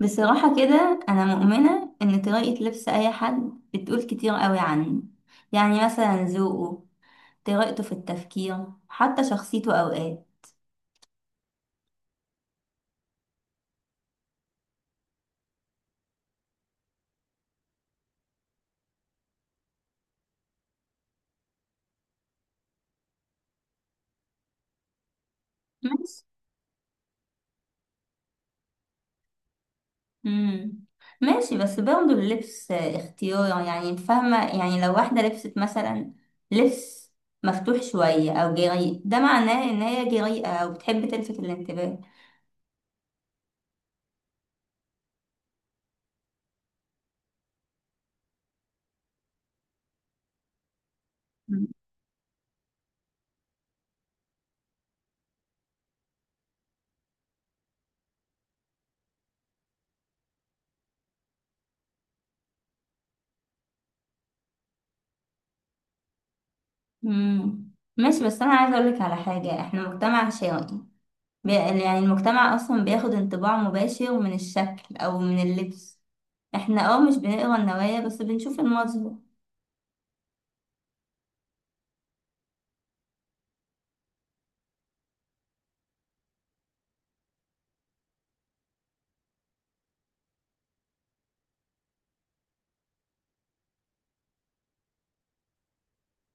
بصراحة كده أنا مؤمنة إن طريقة لبس أي حد بتقول كتير قوي عنه. يعني مثلا ذوقه، طريقته في التفكير، حتى شخصيته أوقات. ماشي. مم. ماشي، بس برضه اللبس اختيار، يعني فاهمة؟ يعني لو واحدة لبست مثلا لبس مفتوح شوية أو جريء، ده معناه إن هي جريئة أو بتحب تلفت الانتباه. مم. ماشي، بس أنا عايزة أقولك على حاجة، إحنا مجتمع شرقي. يعني المجتمع أصلا بياخد انطباع مباشر من الشكل أو من اللبس. احنا مش بنقرا النوايا، بس بنشوف المظهر.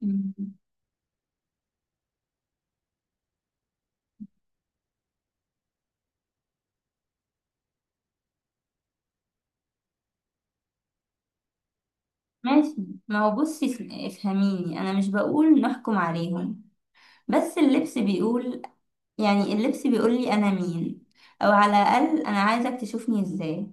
مم. ماشي. ما هو بصي، افهميني، أنا مش بقول نحكم عليهم، بس اللبس بيقول. يعني اللبس بيقول لي أنا مين، أو على الأقل أنا عايزك تشوفني إزاي.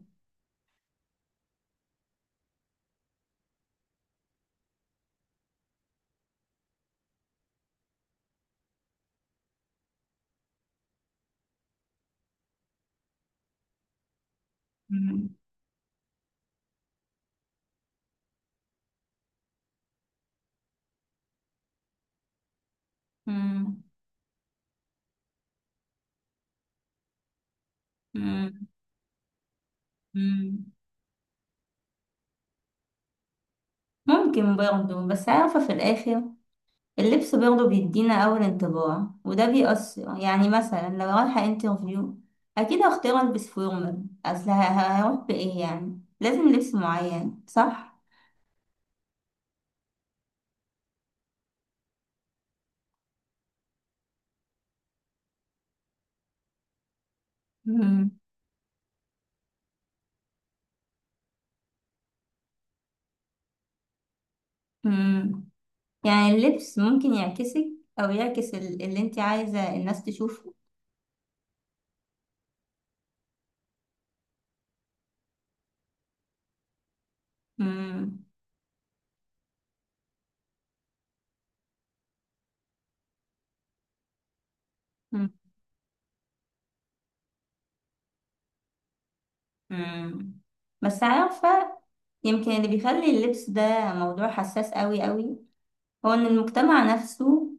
مم. مم. مم. مم. ممكن برضه، بس عارفة في الآخر اللبس برضه بيدينا أول انطباع، وده بيأثر. يعني مثلا لو رايحة انترفيو أكيد هختار ألبس فورمال، أصل هروح بإيه؟ يعني لازم لبس معين، صح؟ مم. مم. يعني اللبس ممكن يعكسك، أو يعكس اللي انت عايزة الناس تشوفه. مم. مم. مم. بس عارفة، يمكن اللي بيخلي اللبس ده موضوع حساس قوي قوي هو إن المجتمع نفسه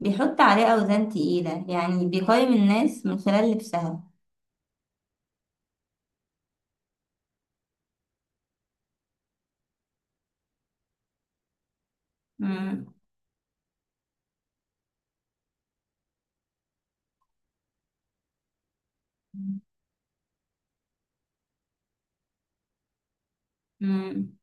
بيحط عليه أوزان تقيلة، يعني بيقيم الناس من خلال لبسها. مم. مم.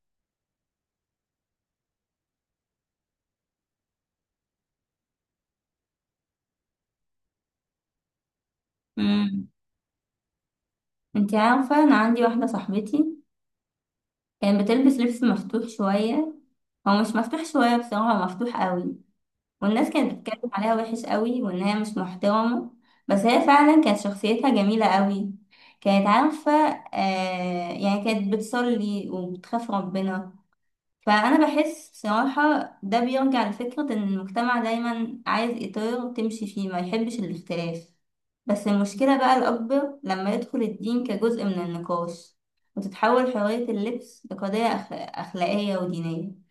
مم. انتي عارفة، أنا عندي واحدة صاحبتي كانت بتلبس لبس مفتوح شوية. هو مش مفتوح شوية، بصراحة هو مفتوح قوي. والناس كانت بتتكلم عليها وحش قوي، وإن هي مش محترمة. بس هي فعلا كانت شخصيتها جميلة قوي، كانت عارفة. آه، يعني كانت بتصلي وبتخاف ربنا. فأنا بحس بصراحة ده بيرجع لفكرة إن المجتمع دايما عايز إطار تمشي فيه، ما يحبش الاختلاف. بس المشكلة بقى الأكبر لما يدخل الدين كجزء من النقاش، وتتحول حرية اللبس لقضية أخلاقية ودينية.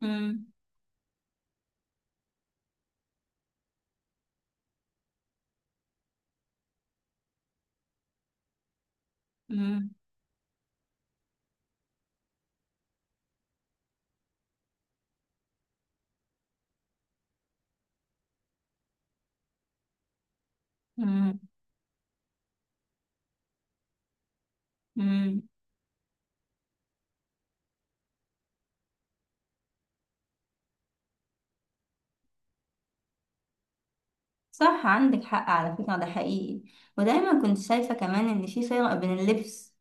مم. مم. مم. مم. صح، عندك حق على فكرة، ده حقيقي. ودايما كنت شايفة كمان إن في فرق بين اللبس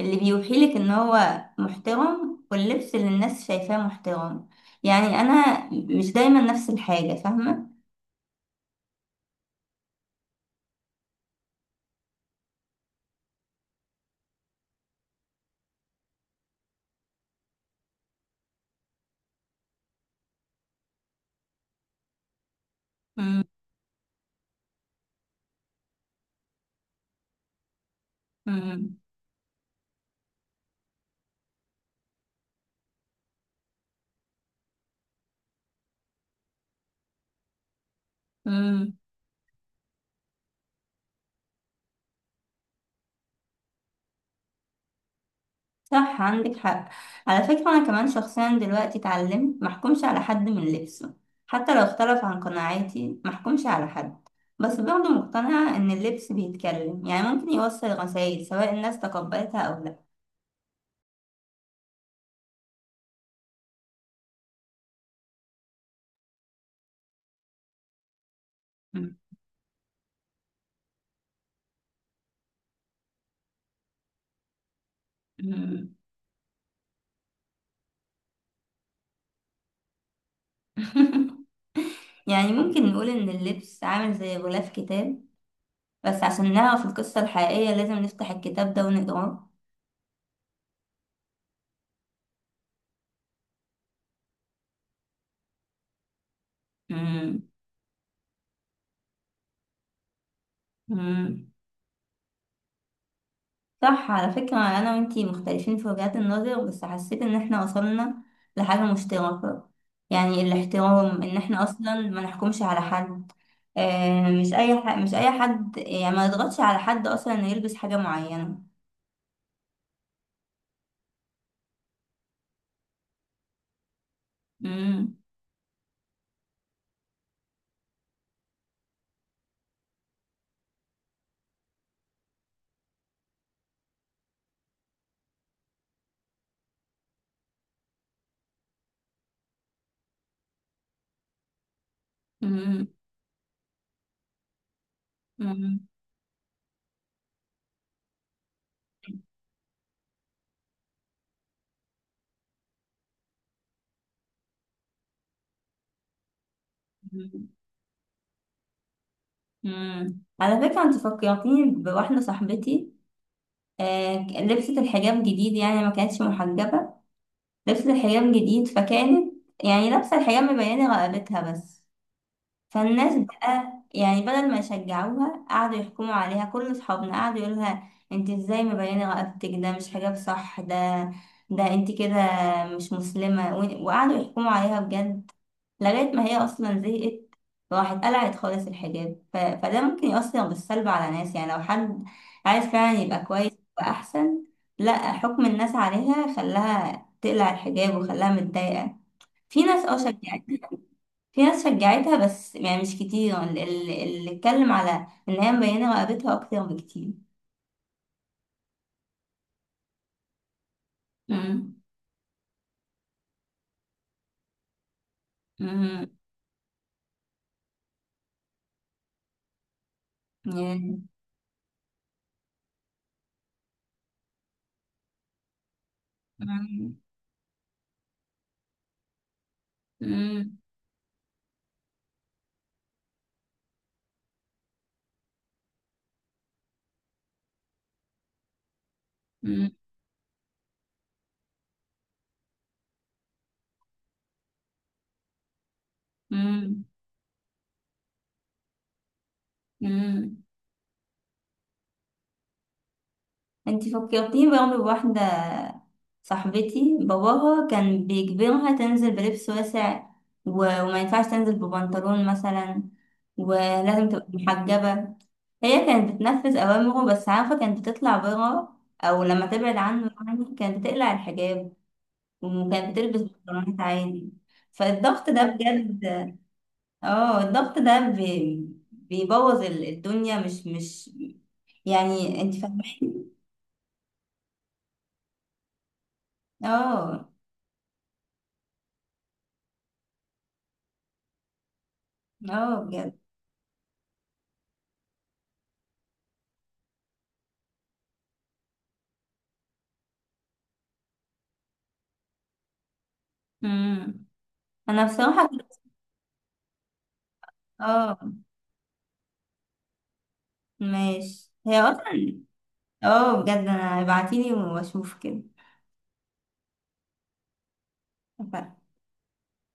اللي بيوحيلك إن هو محترم، واللبس اللي الناس شايفاه محترم. يعني أنا مش دايما نفس الحاجة، فاهمة؟ مم، مم، مم. صح، عندك حق. على فكرة أنا كمان شخصيا دلوقتي اتعلمت محكومش على حد من لبسه، حتى لو اختلف عن قناعاتي محكومش على حد. بس برضه مقتنعة إن اللبس بيتكلم، يعني ممكن يوصل رسائل سواء الناس تقبلتها أو لا. مم. مم. يعني ممكن نقول إن اللبس عامل زي غلاف كتاب، بس عشان نعرف القصة الحقيقية لازم نفتح الكتاب ده ونقراه. مم. مم. صح، على فكرة أنا وإنتي مختلفين في وجهات النظر، بس حسيت إن إحنا وصلنا لحاجة مشتركة. يعني الاحترام، إن إحنا أصلا ما نحكمش على حد. آه، مش أي مش أي حد، يعني ما نضغطش على حد أصلا إنه يلبس حاجة معينة. مم. مم. مم. مم. على فكرة انت فكرتيني بواحدة صاحبتي. آه، لبست الحجاب جديد، يعني ما كانتش محجبة. لبست الحجاب جديد فكانت، يعني لابسة الحجاب مبينة رقبتها بس. فالناس بقى، يعني بدل ما يشجعوها قعدوا يحكموا عليها. كل اصحابنا قعدوا يقولها انت ازاي مبينه رقبتك، ده مش حجاب صح ده، ده انت كده مش مسلمه، وقعدوا يحكموا عليها بجد لغايه ما هي اصلا زهقت، راحت قلعت خالص الحجاب. فده ممكن يأثر بالسلب على ناس، يعني لو حد عايز فعلا يبقى كويس وأحسن، لا حكم الناس عليها خلاها تقلع الحجاب وخلاها متضايقة. في ناس اه شجعت، في ناس شجعتها، بس يعني مش كتير. اللي اتكلم على ان هي مبينة رقبتها اكتر بكتير. مم. مم. يعني- مم. مم. مم. مم. انتي فكرتيني برضه بواحدة صاحبتي، باباها كان بيجبرها تنزل بلبس واسع، وما ينفعش تنزل ببنطلون مثلا، ولازم تبقى محجبة. هي كانت بتنفذ أوامره، بس عارفة كانت بتطلع برا، أو لما تبعد عنه يعني كانت بتقلع الحجاب، وكانت بتلبس بنطلونات عادي. فالضغط ده بجد. اه، الضغط ده بيبوظ الدنيا، مش يعني انت فاهمة. اه. اه بجد. امم. انا بصراحة اه، ماشي. هي اصلا، اه بجد، انا ابعتيلي واشوف كده. اتفقنا.